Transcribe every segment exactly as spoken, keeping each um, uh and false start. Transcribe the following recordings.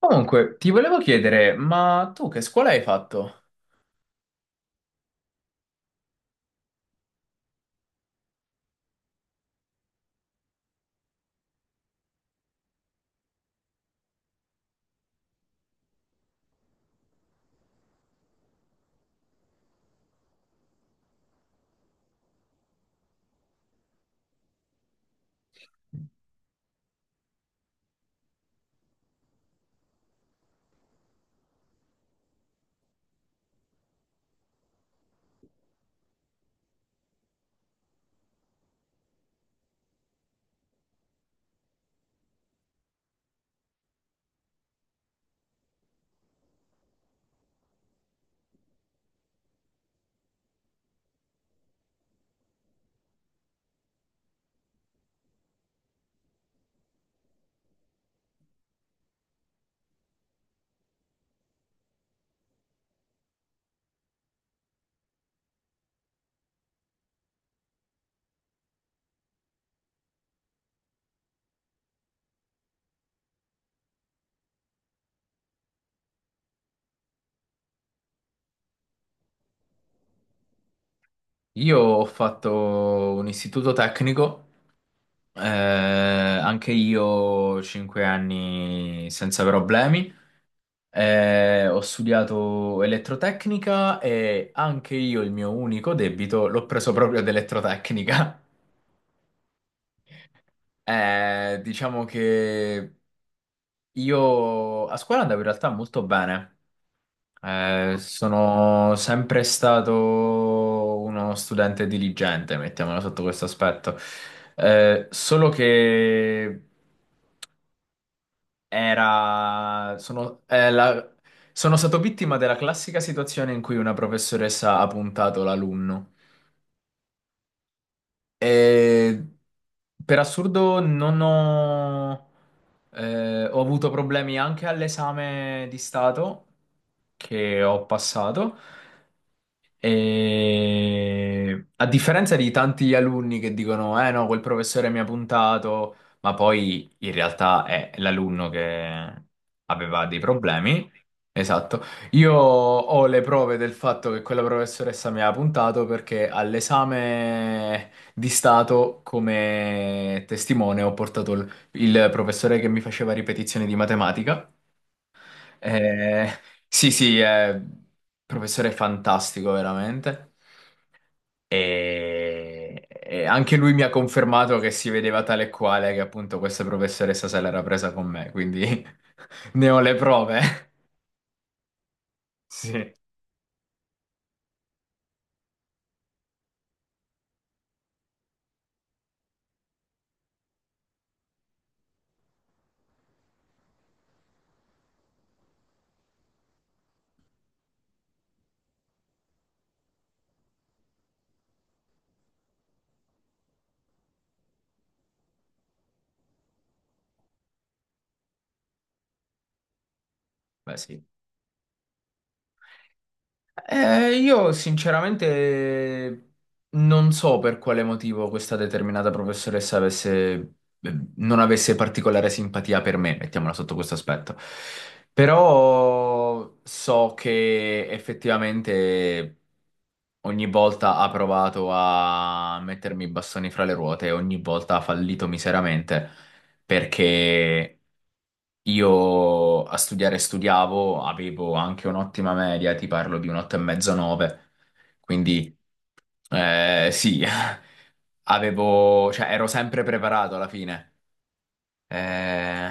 Comunque, ti volevo chiedere, ma tu che scuola hai fatto? Io ho fatto un istituto tecnico, eh, anche io cinque anni senza problemi, eh, ho studiato elettrotecnica e anche io il mio unico debito l'ho preso proprio ad elettrotecnica. Eh, diciamo che io a scuola andavo in realtà molto bene. Eh, sono sempre stato uno studente diligente, mettiamolo sotto questo aspetto. Eh, solo che era, sono, eh, la- sono stato vittima della classica situazione in cui una professoressa ha puntato l'alunno. E per assurdo non ho, eh, ho avuto problemi anche all'esame di Stato che ho passato. E a differenza di tanti alunni che dicono, eh no, quel professore mi ha puntato, ma poi in realtà è l'alunno che aveva dei problemi. Esatto. Io ho le prove del fatto che quella professoressa mi ha puntato perché all'esame di Stato come testimone ho portato il, il professore che mi faceva ripetizioni di matematica. Eh, sì, sì, è un professore fantastico, veramente. E, e anche lui mi ha confermato che si vedeva tale e quale, che appunto questa professoressa se l'era presa con me, quindi ne ho le prove. Sì, beh sì. Eh, io sinceramente non so per quale motivo questa determinata professoressa avesse, eh, non avesse particolare simpatia per me, mettiamola sotto questo aspetto. Però so che effettivamente ogni volta ha provato a mettermi i bastoni fra le ruote, ogni volta ha fallito miseramente perché io a studiare studiavo, avevo anche un'ottima media, ti parlo di un otto e mezzo, nove, quindi eh, sì, avevo, cioè ero sempre preparato alla fine. Eh,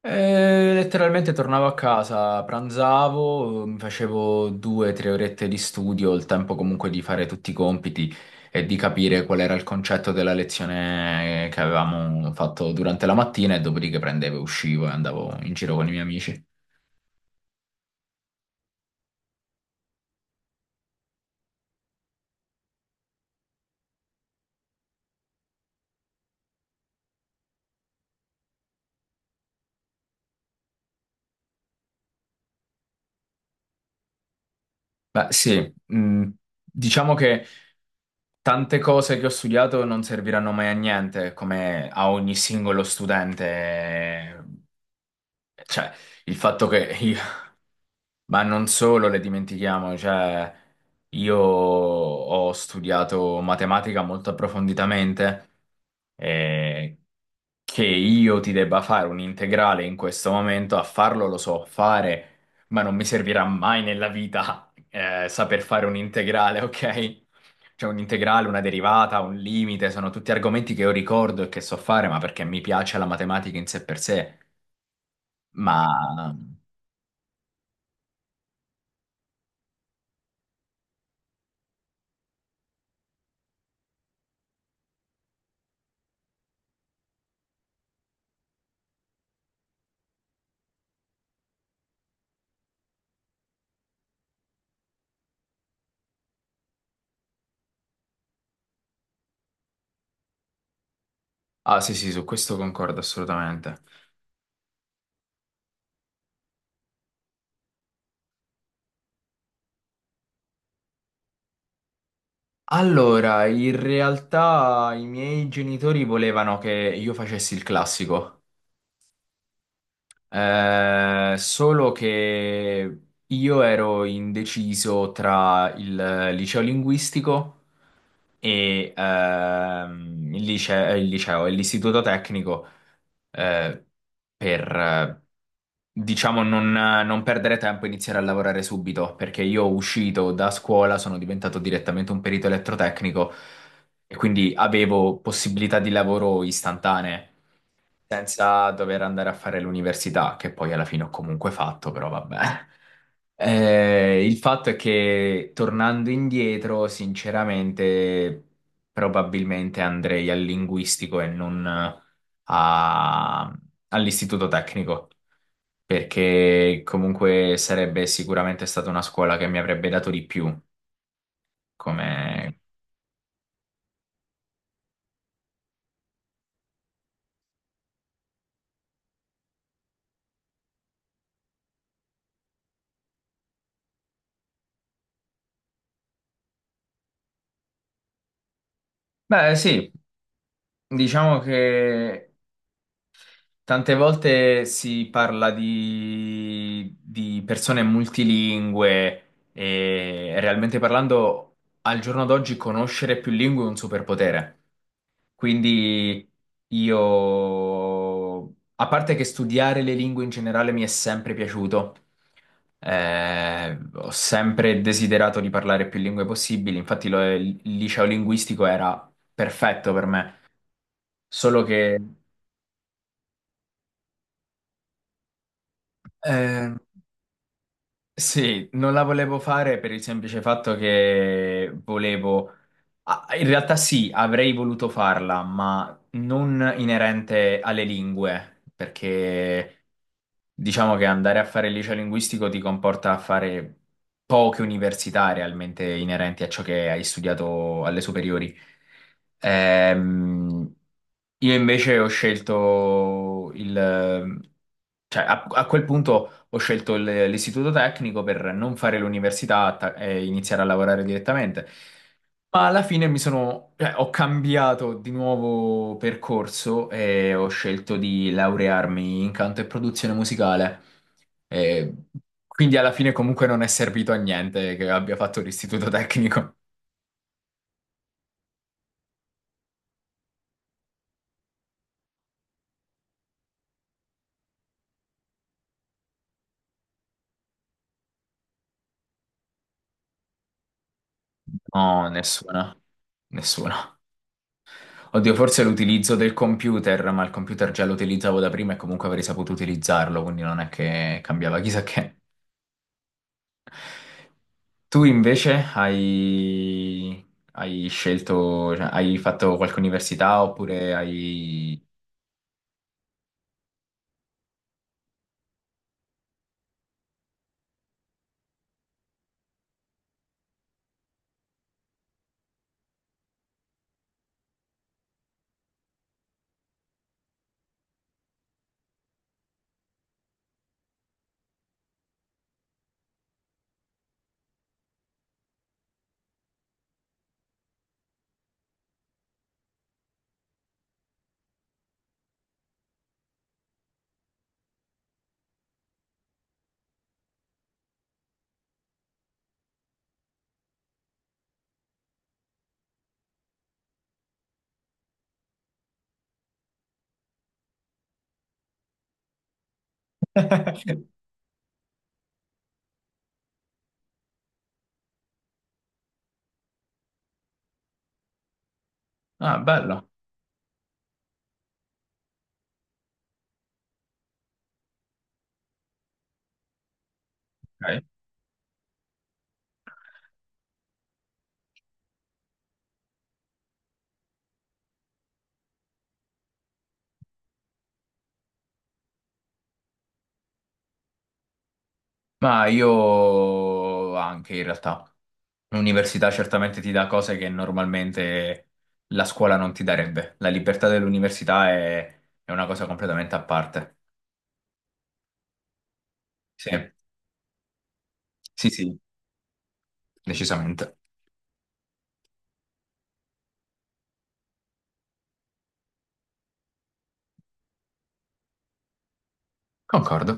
eh, Letteralmente tornavo a casa, pranzavo, mi facevo due o tre orette di studio, il tempo comunque di fare tutti i compiti e di capire qual era il concetto della lezione che avevamo fatto durante la mattina e dopodiché prendevo, e uscivo e andavo in giro con i miei amici. Beh, sì, mh, diciamo che tante cose che ho studiato non serviranno mai a niente, come a ogni singolo studente. Cioè, il fatto che io... Ma non solo le dimentichiamo, cioè, io ho studiato matematica molto approfonditamente, eh, che io ti debba fare un integrale in questo momento, a farlo lo so fare, ma non mi servirà mai nella vita, eh, saper fare un integrale, ok? Cioè un integrale, una derivata, un limite, sono tutti argomenti che io ricordo e che so fare, ma perché mi piace la matematica in sé per sé. Ma... Ah sì sì, su questo concordo assolutamente. Allora, in realtà i miei genitori volevano che io facessi il classico. Eh, solo che io ero indeciso tra il eh, liceo linguistico e ehm, il lice- eh, il liceo, e l'istituto tecnico, eh, per, eh, diciamo, non, non perdere tempo e iniziare a lavorare subito, perché io uscito da scuola sono diventato direttamente un perito elettrotecnico e quindi avevo possibilità di lavoro istantanee senza dover andare a fare l'università, che poi alla fine ho comunque fatto, però vabbè. Eh, il fatto è che tornando indietro, sinceramente, probabilmente andrei al linguistico e non a- all'istituto tecnico, perché comunque sarebbe sicuramente stata una scuola che mi avrebbe dato di più come... Beh, sì, diciamo che tante volte si parla di, di persone multilingue e realmente parlando, al giorno d'oggi conoscere più lingue è un superpotere. Quindi io, a parte che studiare le lingue in generale mi è sempre piaciuto, eh, ho sempre desiderato di parlare più lingue possibili, infatti lo- il liceo linguistico era perfetto per me, solo che... eh, Sì, non la volevo fare per il semplice fatto che volevo... ah, in realtà sì, avrei voluto farla, ma non inerente alle lingue, perché diciamo che andare a fare il liceo linguistico ti comporta a fare poche università realmente inerenti a ciò che hai studiato alle superiori. Ehm, io invece ho scelto il... cioè a, a quel punto ho scelto il- l'istituto tecnico per non fare l'università ta- e iniziare a lavorare direttamente. Ma alla fine mi sono, cioè, ho cambiato di nuovo percorso e ho scelto di laurearmi in canto e produzione musicale. E quindi alla fine comunque non è servito a niente che abbia fatto l'istituto tecnico. No, nessuna. Nessuna. Oddio, forse l'utilizzo del computer, ma il computer già lo utilizzavo da prima e comunque avrei saputo utilizzarlo, quindi non è che cambiava chissà che. Tu invece hai, hai scelto, cioè, hai fatto qualche università oppure hai... Ah, bello. Ok. Ma io anche in realtà. L'università certamente ti dà cose che normalmente la scuola non ti darebbe. La libertà dell'università è, è una cosa completamente a parte. Sì, sì, sì, decisamente. Concordo.